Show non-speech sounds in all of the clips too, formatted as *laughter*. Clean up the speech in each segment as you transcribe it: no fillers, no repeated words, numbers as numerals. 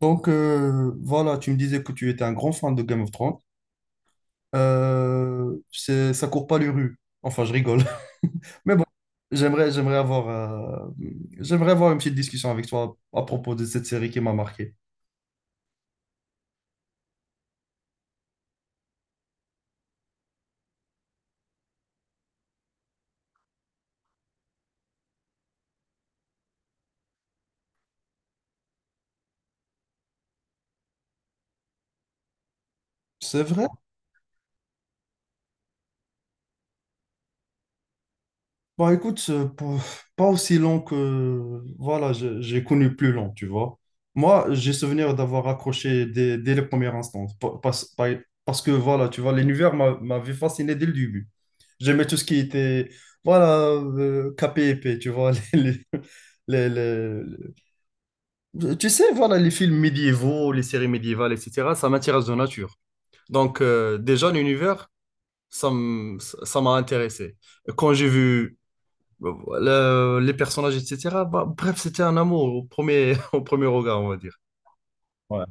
Voilà, tu me disais que tu étais un grand fan de Game of Thrones. Ça court pas les rues. Enfin, je rigole. *laughs* Mais bon, j'aimerais, j'aimerais avoir, euh, j'aimerais avoir une petite discussion avec toi à propos de cette série qui m'a marqué. C'est vrai. Bon, écoute, pas aussi long que... Voilà, j'ai connu plus long, tu vois. Moi, j'ai souvenir d'avoir accroché dès les premières instants. Pa- Parce, par- parce que, voilà, tu vois, m'avait fasciné dès le début. J'aimais tout ce qui était, voilà, capé épais, tu vois. *laughs* Les- les- Tu sais, voilà, les films médiévaux, les séries médiévales, etc., ça m'intéresse de nature. Déjà, l'univers, ça m- ça m'a intéressé. Quand j'ai vu bah, les personnages, etc. Bah, bref, c'était un amour *laughs* au premier regard, on va dire. Ouais.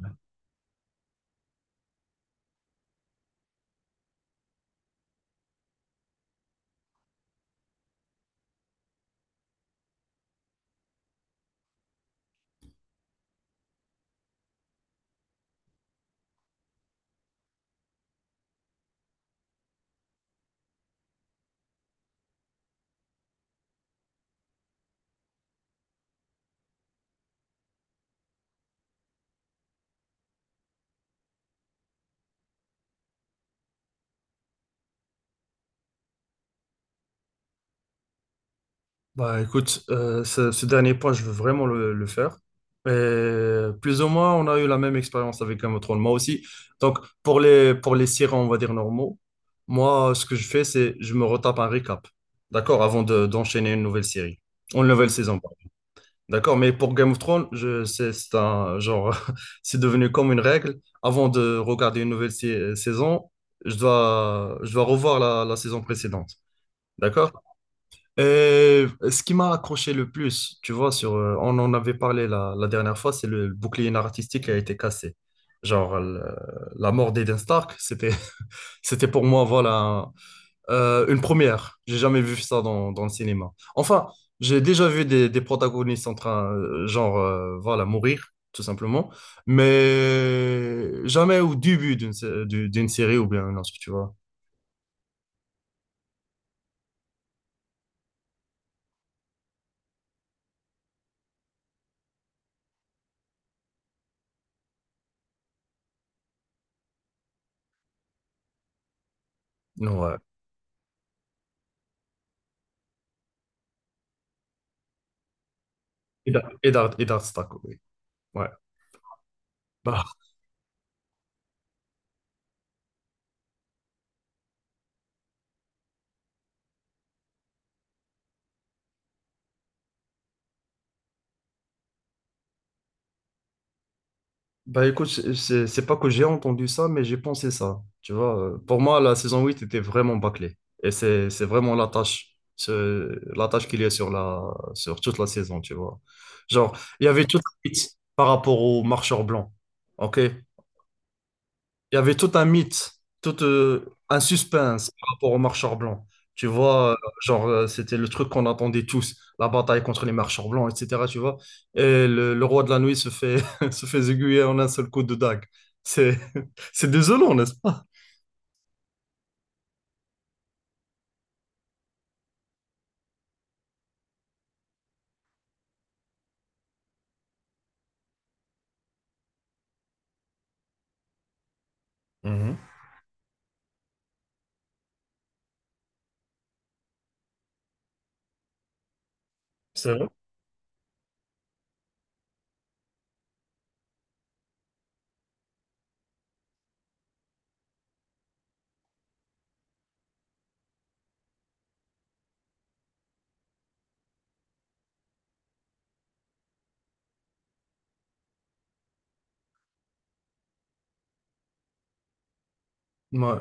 Bah écoute, ce dernier point, je veux vraiment le faire. Et plus ou moins, on a eu la même expérience avec Game of Thrones, moi aussi. Donc, pour les sirènes, on va dire normaux, moi, ce que je fais, c'est je me retape un récap, d'accord, d'enchaîner une nouvelle série, une nouvelle saison. D'accord, mais pour Game of Thrones, je sais, c'est un genre, *laughs* c'est devenu comme une règle. Avant de regarder une saison, je dois revoir la saison précédente. D'accord? Et ce qui m'a accroché le plus, tu vois, on en avait parlé la dernière fois, c'est bouclier narratistique qui a été cassé. Genre, le- la mort d'Eden Stark, *laughs* c'était pour moi, voilà, une première. J'ai jamais vu ça dans le cinéma. Enfin, j'ai déjà vu des protagonistes en train, voilà, mourir, tout simplement. Mais jamais au début d'une série ou bien une autre, tu vois. Non, ouais. Eddard, Eddard, Eddard Stark, oui. Ouais. Bah, Bah écoute, c'est pas que j'ai entendu ça, mais j'ai pensé ça. Tu vois, pour moi, la saison 8 était vraiment bâclée. Et c'est vraiment la tâche, la tâche qu'il y a sur toute la saison, tu vois. Genre, il y avait toute la suite par rapport aux marcheurs blancs. OK? Il y avait tout un mythe, tout un suspense par rapport aux marcheurs blancs. Tu vois, euh, c'était le truc qu'on attendait tous, la bataille contre les marcheurs blancs, etc. Tu vois, et le roi de la nuit se fait, *laughs* se fait aiguiller en un seul coup de dague. C'est, *laughs* c'est désolant, n'est-ce pas? Mhm. C'est vrai. Ouais.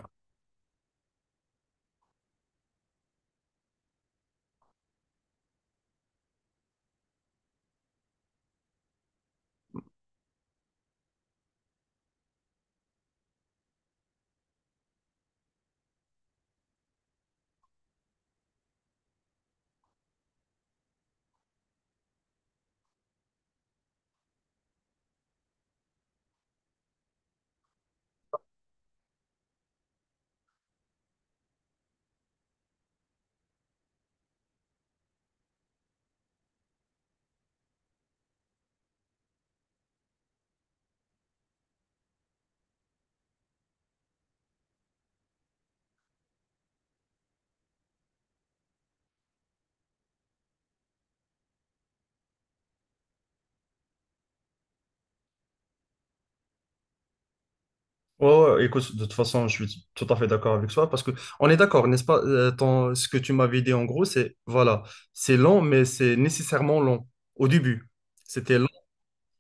Ouais, ouais, écoute, de toute façon, je suis tout à fait d'accord avec toi parce que on est d'accord, n'est-ce pas? Ce que tu m'avais dit en gros, c'est voilà, c'est lent, mais c'est nécessairement long au début. C'était.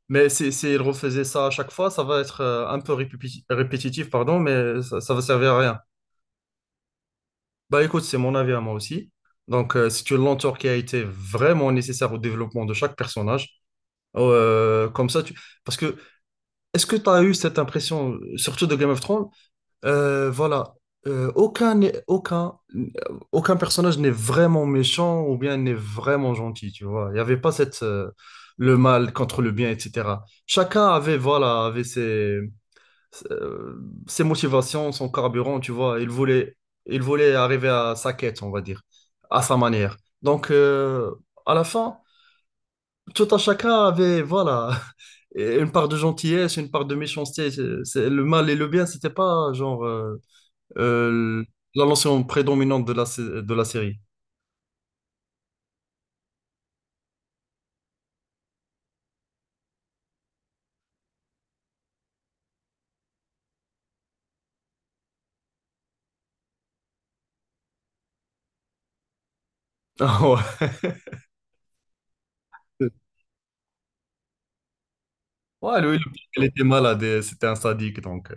Mais si, s'il refaisait ça à chaque fois, ça va être un peu répétitif, pardon, mais ça va servir à rien. Bah écoute, c'est mon avis à moi aussi. Donc, c'est une lenteur qui a été vraiment nécessaire au développement de chaque personnage. Oh, euh, comme ça, tu... Parce que, est-ce que tu as eu cette impression, surtout de Game of Thrones? Euh, voilà, Euh, aucun, n'est- aucun, aucun personnage n'est vraiment méchant ou bien n'est vraiment gentil, tu vois. Il n'y avait pas cette, le mal contre le bien, etc. Chacun avait, voilà, avait ses... euh, ses motivations, son carburant, tu vois, il voulait arriver à sa quête, on va dire, à sa manière. Donc, à la fin, tout un chacun avait, voilà, *laughs* une part de gentillesse, une part de méchanceté. Le mal et le bien, c'était pas euh, la notion prédominante de la série. *laughs* Ah ouais, ouais, lui, il était malade, et c'était un sadique, donc.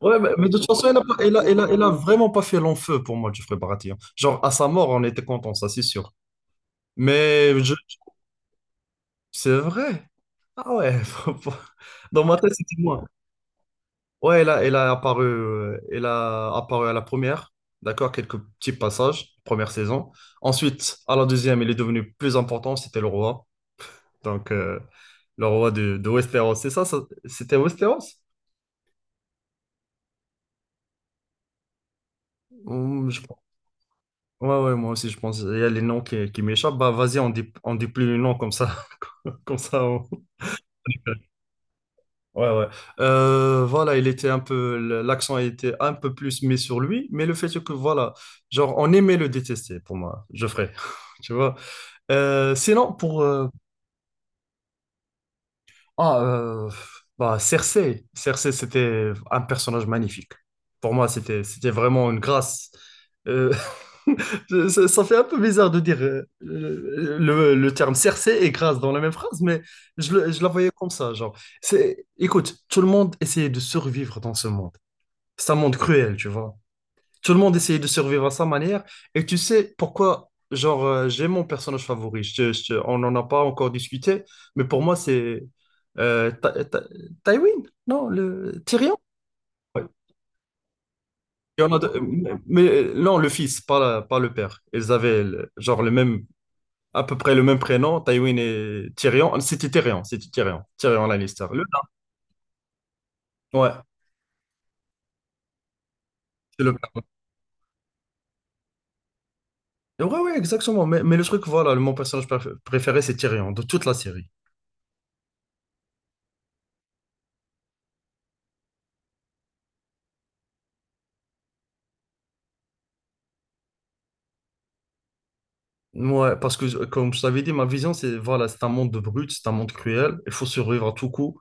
Ouais, mais de toute façon, elle a, pas- il a, elle a- elle a vraiment pas fait long feu pour moi, Geoffrey Barati, hein. Genre, à sa mort, on était contents, ça, c'est sûr. Mais je- c'est vrai. Ah ouais, *laughs* dans ma tête, c'était moi. Ouais, il a apparu à la première, d'accord, quelques petits passages, première saison. Ensuite, à la deuxième, il est devenu plus important, c'était le roi. Donc, le roi de Westeros, c'est ça, c'était Westeros? Hum, je- Ouais, ouais, moi aussi, je pense. Il y a les noms qui m'échappent. Bah, vas-y, on dit plus les noms comme ça. *laughs* comme ça. on- Ouais, ouais. Voilà, il était un peu, l'accent a été un peu plus mis sur lui, mais le fait est que, voilà, genre, on aimait le détester pour moi, Geoffrey, *laughs* tu vois. Sinon, pour, Ah, bah, Cersei. Cersei, c'était un personnage magnifique. Pour moi, c'était vraiment une grâce. Euh, *laughs* ça fait un peu bizarre de dire le terme Cersei et grâce dans la même phrase, mais je la voyais comme ça, genre. C'est, écoute, tout le monde essayait de survivre dans ce monde. C'est un monde cruel, tu vois. Tout le monde essayait de survivre à sa manière. Et tu sais pourquoi, j'ai mon personnage favori. On n'en a pas encore discuté, mais pour moi, c'est Ty- Ty- Tywin, non, le Tyrion. Ouais. Il y en a deux- mais, non, le fils, pas le père. Ils avaient le même, à peu près le même prénom, Tywin et Tyrion. Tyrion Lannister. Ouais, c'est le père. Ouais, ouais, exactement. Mais le truc, voilà, mon préféré, c'est Tyrion, de toute la série. Ouais, parce que comme je t'avais dit, ma vision, c'est voilà, c'est un monde de brutes, c'est un monde cruel, il faut survivre à tout coup.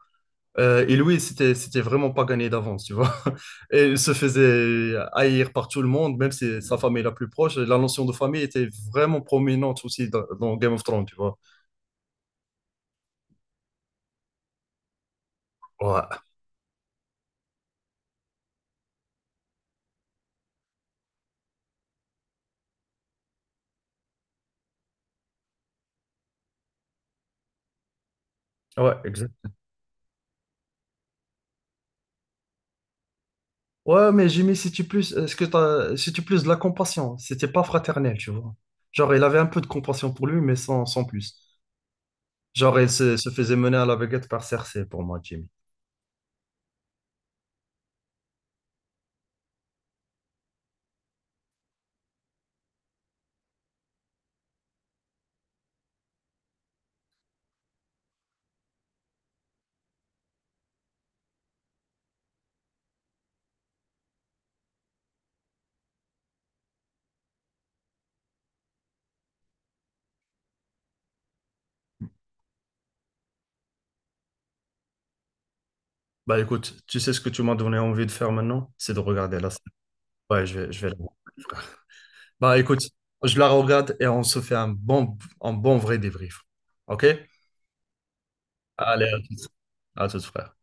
Et lui, c'était vraiment pas gagné d'avance, tu vois. *laughs* Et il se faisait haïr par tout le monde, même si sa famille est la plus proche. La notion de famille était vraiment prominente aussi dans Game of Thrones, tu vois. Ouais, ouais, exact. Ouais, mais Jimmy, si tu plus, est-ce que t'as, si tu plus de la compassion, c'était pas fraternel, tu vois. Genre, il avait un peu de compassion pour lui, mais sans plus. Genre, se faisait mener à la baguette par Cersei pour moi, Jimmy. Bah écoute, tu sais ce que tu m'as donné envie de faire maintenant? C'est de regarder la série. Ouais, je vais la regarder, frère. Bah écoute, je la regarde et on se fait un bon vrai débrief. Ok? Allez, à tout, frère.